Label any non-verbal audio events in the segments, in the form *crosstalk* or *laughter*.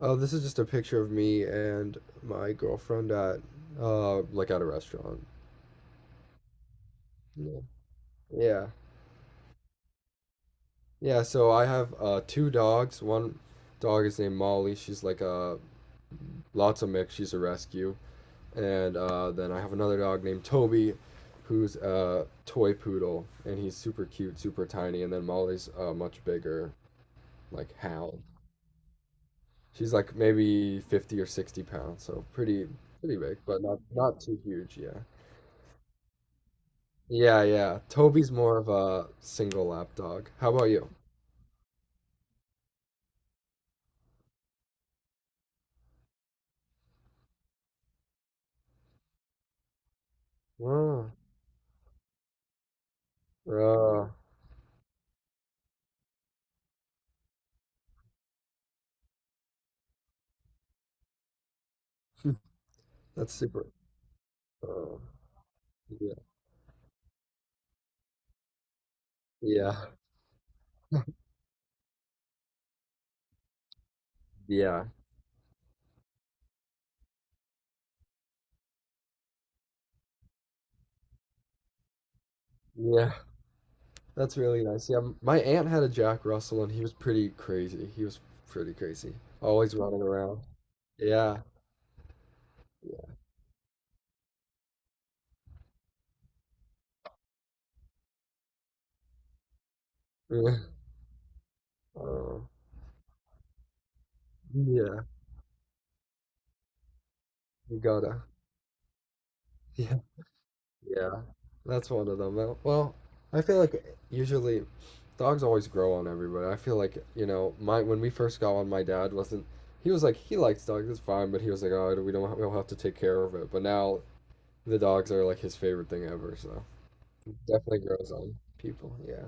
Oh, this is just a picture of me and my girlfriend at like at a restaurant. Yeah. Yeah. Yeah, so I have two dogs. One dog is named Molly. She's like a lots of mix. She's a rescue. And then I have another dog named Toby who's a toy poodle and he's super cute, super tiny, and then Molly's a much bigger like hound. She's like maybe 50 or 60 pounds, so pretty pretty big, but not too huge, yeah. Yeah, yeah. Toby's more of a single lap dog. How about you? Oh, oh, that's super. Oh, yeah, yeah, yeah, yeah. That's really nice. Yeah, my aunt had a Jack Russell, and he was pretty crazy. He was pretty crazy, always running around. Yeah. Yeah. *laughs* Oh, yeah, you gotta. Yeah. Yeah, that's one of them. Well, I feel like usually dogs always grow on everybody. I feel like, you know, my when we first got one, my dad wasn't he was like he likes dogs, it's fine, but he was like, "Oh, we don't we'll have to take care of it." But now the dogs are like his favorite thing ever, so it definitely grows on people. Yeah.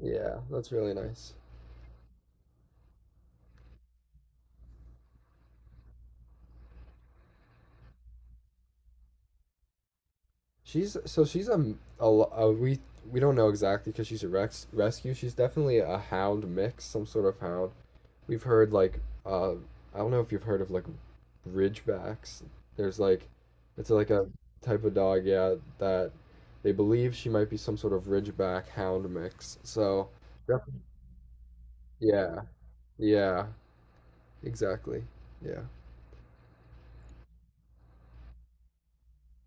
Yeah, that's really nice. She's so she's a we don't know exactly because she's a rex rescue. She's definitely a hound mix, some sort of hound. We've heard like uh I don't know if you've heard of like Ridgebacks. There's like, it's like a type of dog, yeah, that they believe she might be some sort of Ridgeback hound mix. So, yep. Yeah, yeah, exactly. Yeah.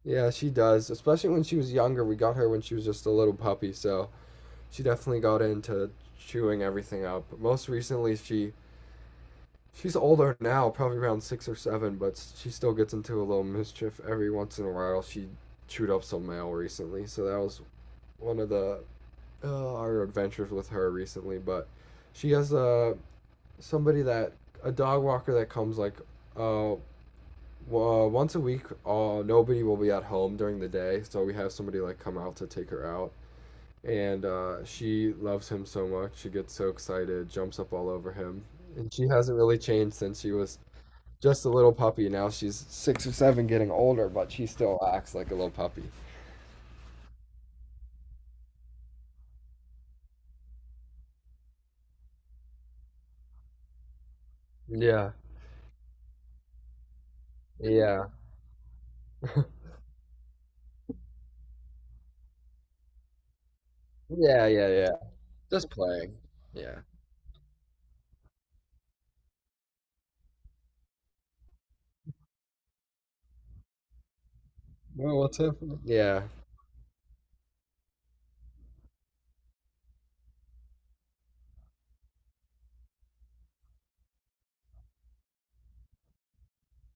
Yeah, she does. Especially when she was younger. We got her when she was just a little puppy, so she definitely got into chewing everything up. But most recently, she's older now, probably around six or seven, but she still gets into a little mischief every once in a while. She chewed up some mail recently, so that was one of the our adventures with her recently, but she has a somebody that a dog walker that comes like uh, once a week. Nobody will be at home during the day, so we have somebody like come out to take her out, and she loves him so much. She gets so excited, jumps up all over him, and she hasn't really changed since she was just a little puppy. Now she's six or seven, getting older, but she still acts like a little puppy. Yeah, yeah, yeah, yeah, yeah. Just playing. Yeah. Bro, what's happening? Yeah,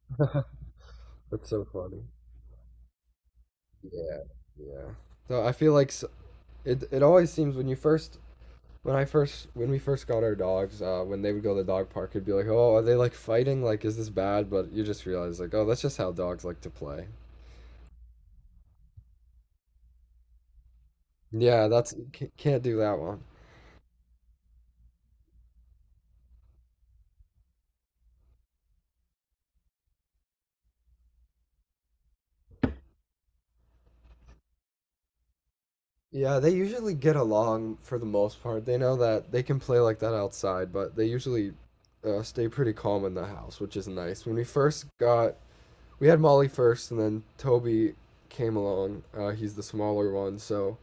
*laughs* that's so funny. Yeah, yeah. So I feel like it always seems when you first, when I first, when we first got our dogs, when they would go to the dog park, it'd be like, oh, are they like fighting? Like, is this bad? But you just realize like, oh, that's just how dogs like to play. Yeah, that's can't do that one. Yeah, they usually get along for the most part. They know that they can play like that outside, but they usually stay pretty calm in the house, which is nice. When we first got we had Molly first, and then Toby came along. He's the smaller one, so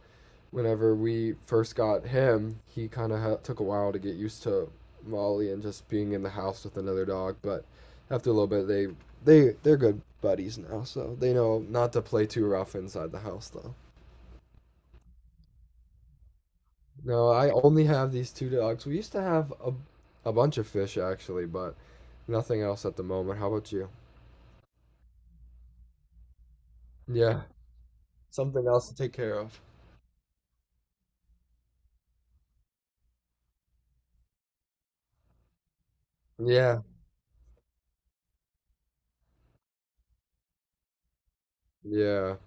whenever we first got him, he kind of took a while to get used to Molly and just being in the house with another dog. But after a little bit, they're good buddies now, so they know not to play too rough inside the house though. No, I only have these two dogs. We used to have a bunch of fish actually, but nothing else at the moment. How about you? Yeah, something else to take care of. Yeah, yeah.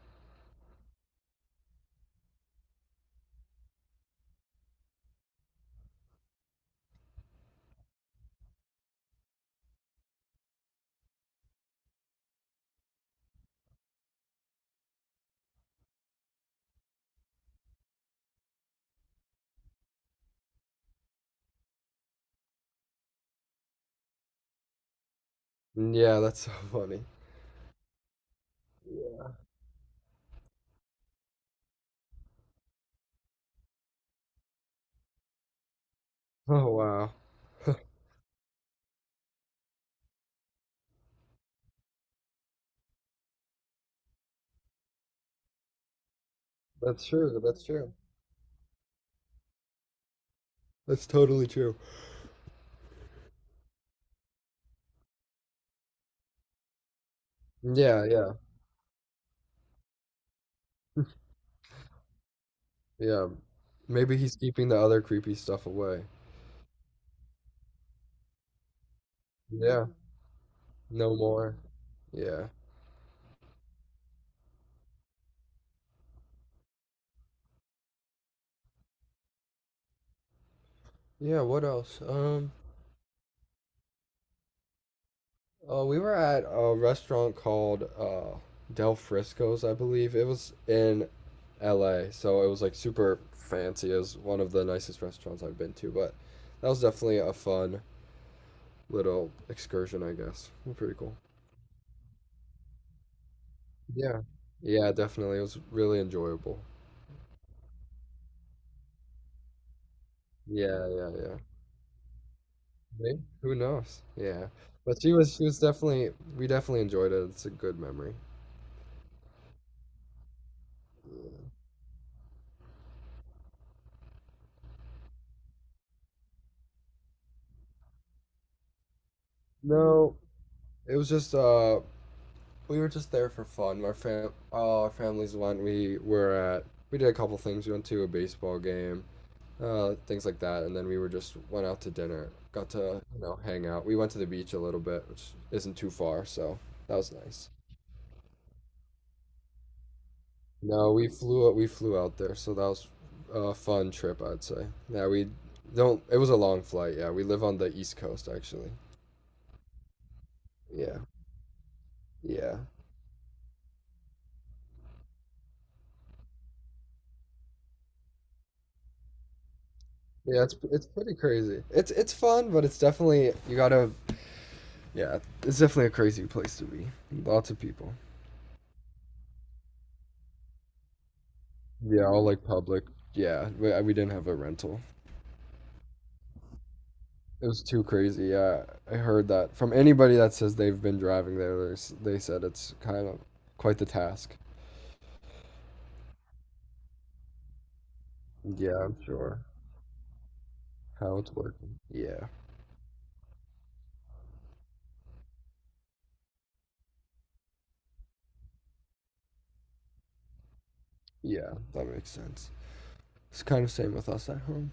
Mm, yeah, that's so *laughs* funny. Yeah. Oh wow. That's true. That's true. That's totally true. Yeah, yeah, yeah. Maybe he's keeping the other creepy stuff away. Yeah, no more. Yeah. Yeah, what else? We were at a restaurant called Del Frisco's, I believe. It was in LA, so it was like super fancy. It was one of the nicest restaurants I've been to, but that was definitely a fun little excursion, I guess. Pretty cool. Yeah. Yeah, definitely. It was really enjoyable. Yeah, yeah, yeah. Maybe. Who knows? Yeah. But she was definitely we definitely enjoyed it. It's a good memory. No, it was just we were just there for fun. Our fam all our families went. We were at we did a couple things. We went to a baseball game, things like that, and then we were just went out to dinner. Got to, you know, hang out. We went to the beach a little bit, which isn't too far, so that was nice. No, we flew out there, so that was a fun trip, I'd say. Yeah, we don't it was a long flight. Yeah, we live on the East Coast actually. Yeah. Yeah. Yeah, it's pretty crazy. It's fun, but it's definitely you gotta yeah, it's definitely a crazy place to be. Lots of people. Yeah, all like public. Yeah, we didn't have a rental. It was too crazy. Yeah, I heard that from anybody that says they've been driving there. They said it's kind of quite the task. Yeah, I'm sure. How it's working. Yeah, yeah, that makes sense. It's kind of same with us at home.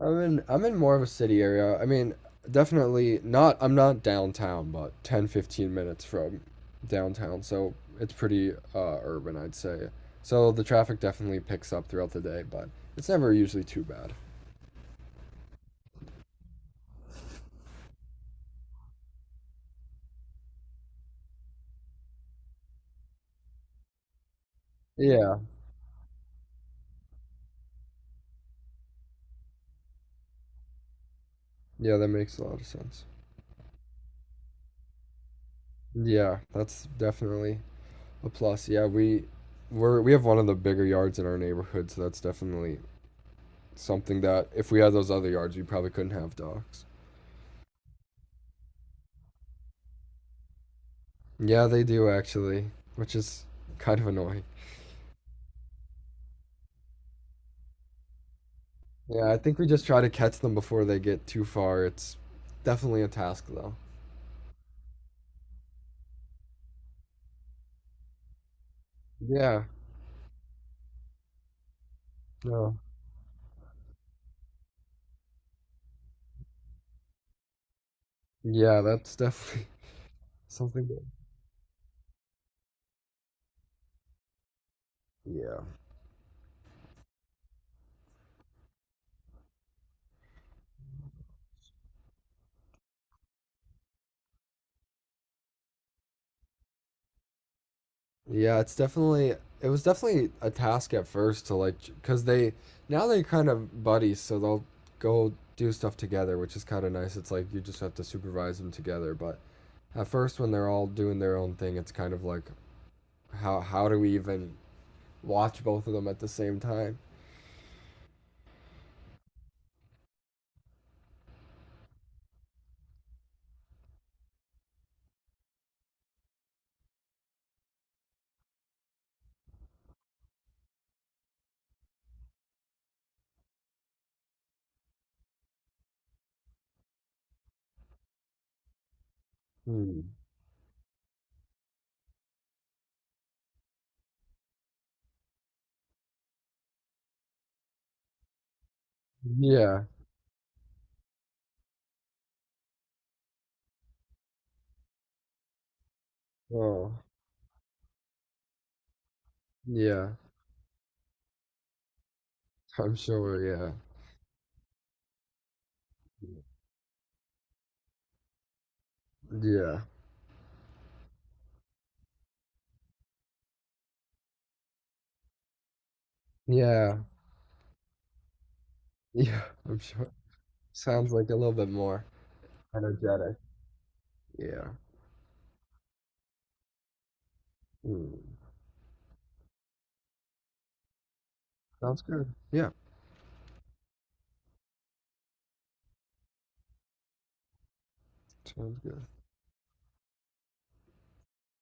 I'm in more of a city area. I mean, definitely not. I'm not downtown, but 10, 15 minutes from downtown, so it's pretty urban, I'd say. So the traffic definitely picks up throughout the day, but it's never usually too bad. Yeah, yeah, that makes a lot of sense. Yeah, that's definitely a plus. Yeah, we we're we have one of the bigger yards in our neighborhood, so that's definitely something that if we had those other yards, we probably couldn't have dogs. Yeah, they do actually, which is kind of annoying. Yeah, I think we just try to catch them before they get too far. It's definitely a task though. Yeah. No. Yeah, that's definitely *laughs* something. That, yeah. Yeah, it was definitely a task at first to like because they now they're kind of buddies, so they'll go do stuff together, which is kind of nice. It's like you just have to supervise them together, but at first when they're all doing their own thing, it's kind of like how do we even watch both of them at the same time? Hmm. Yeah. Oh. Yeah. I'm sure. Yeah. Yeah. Yeah. Yeah. *laughs* I'm sure. Sounds like a little bit more energetic. Yeah. Hmm. Sounds good. Yeah, sounds good.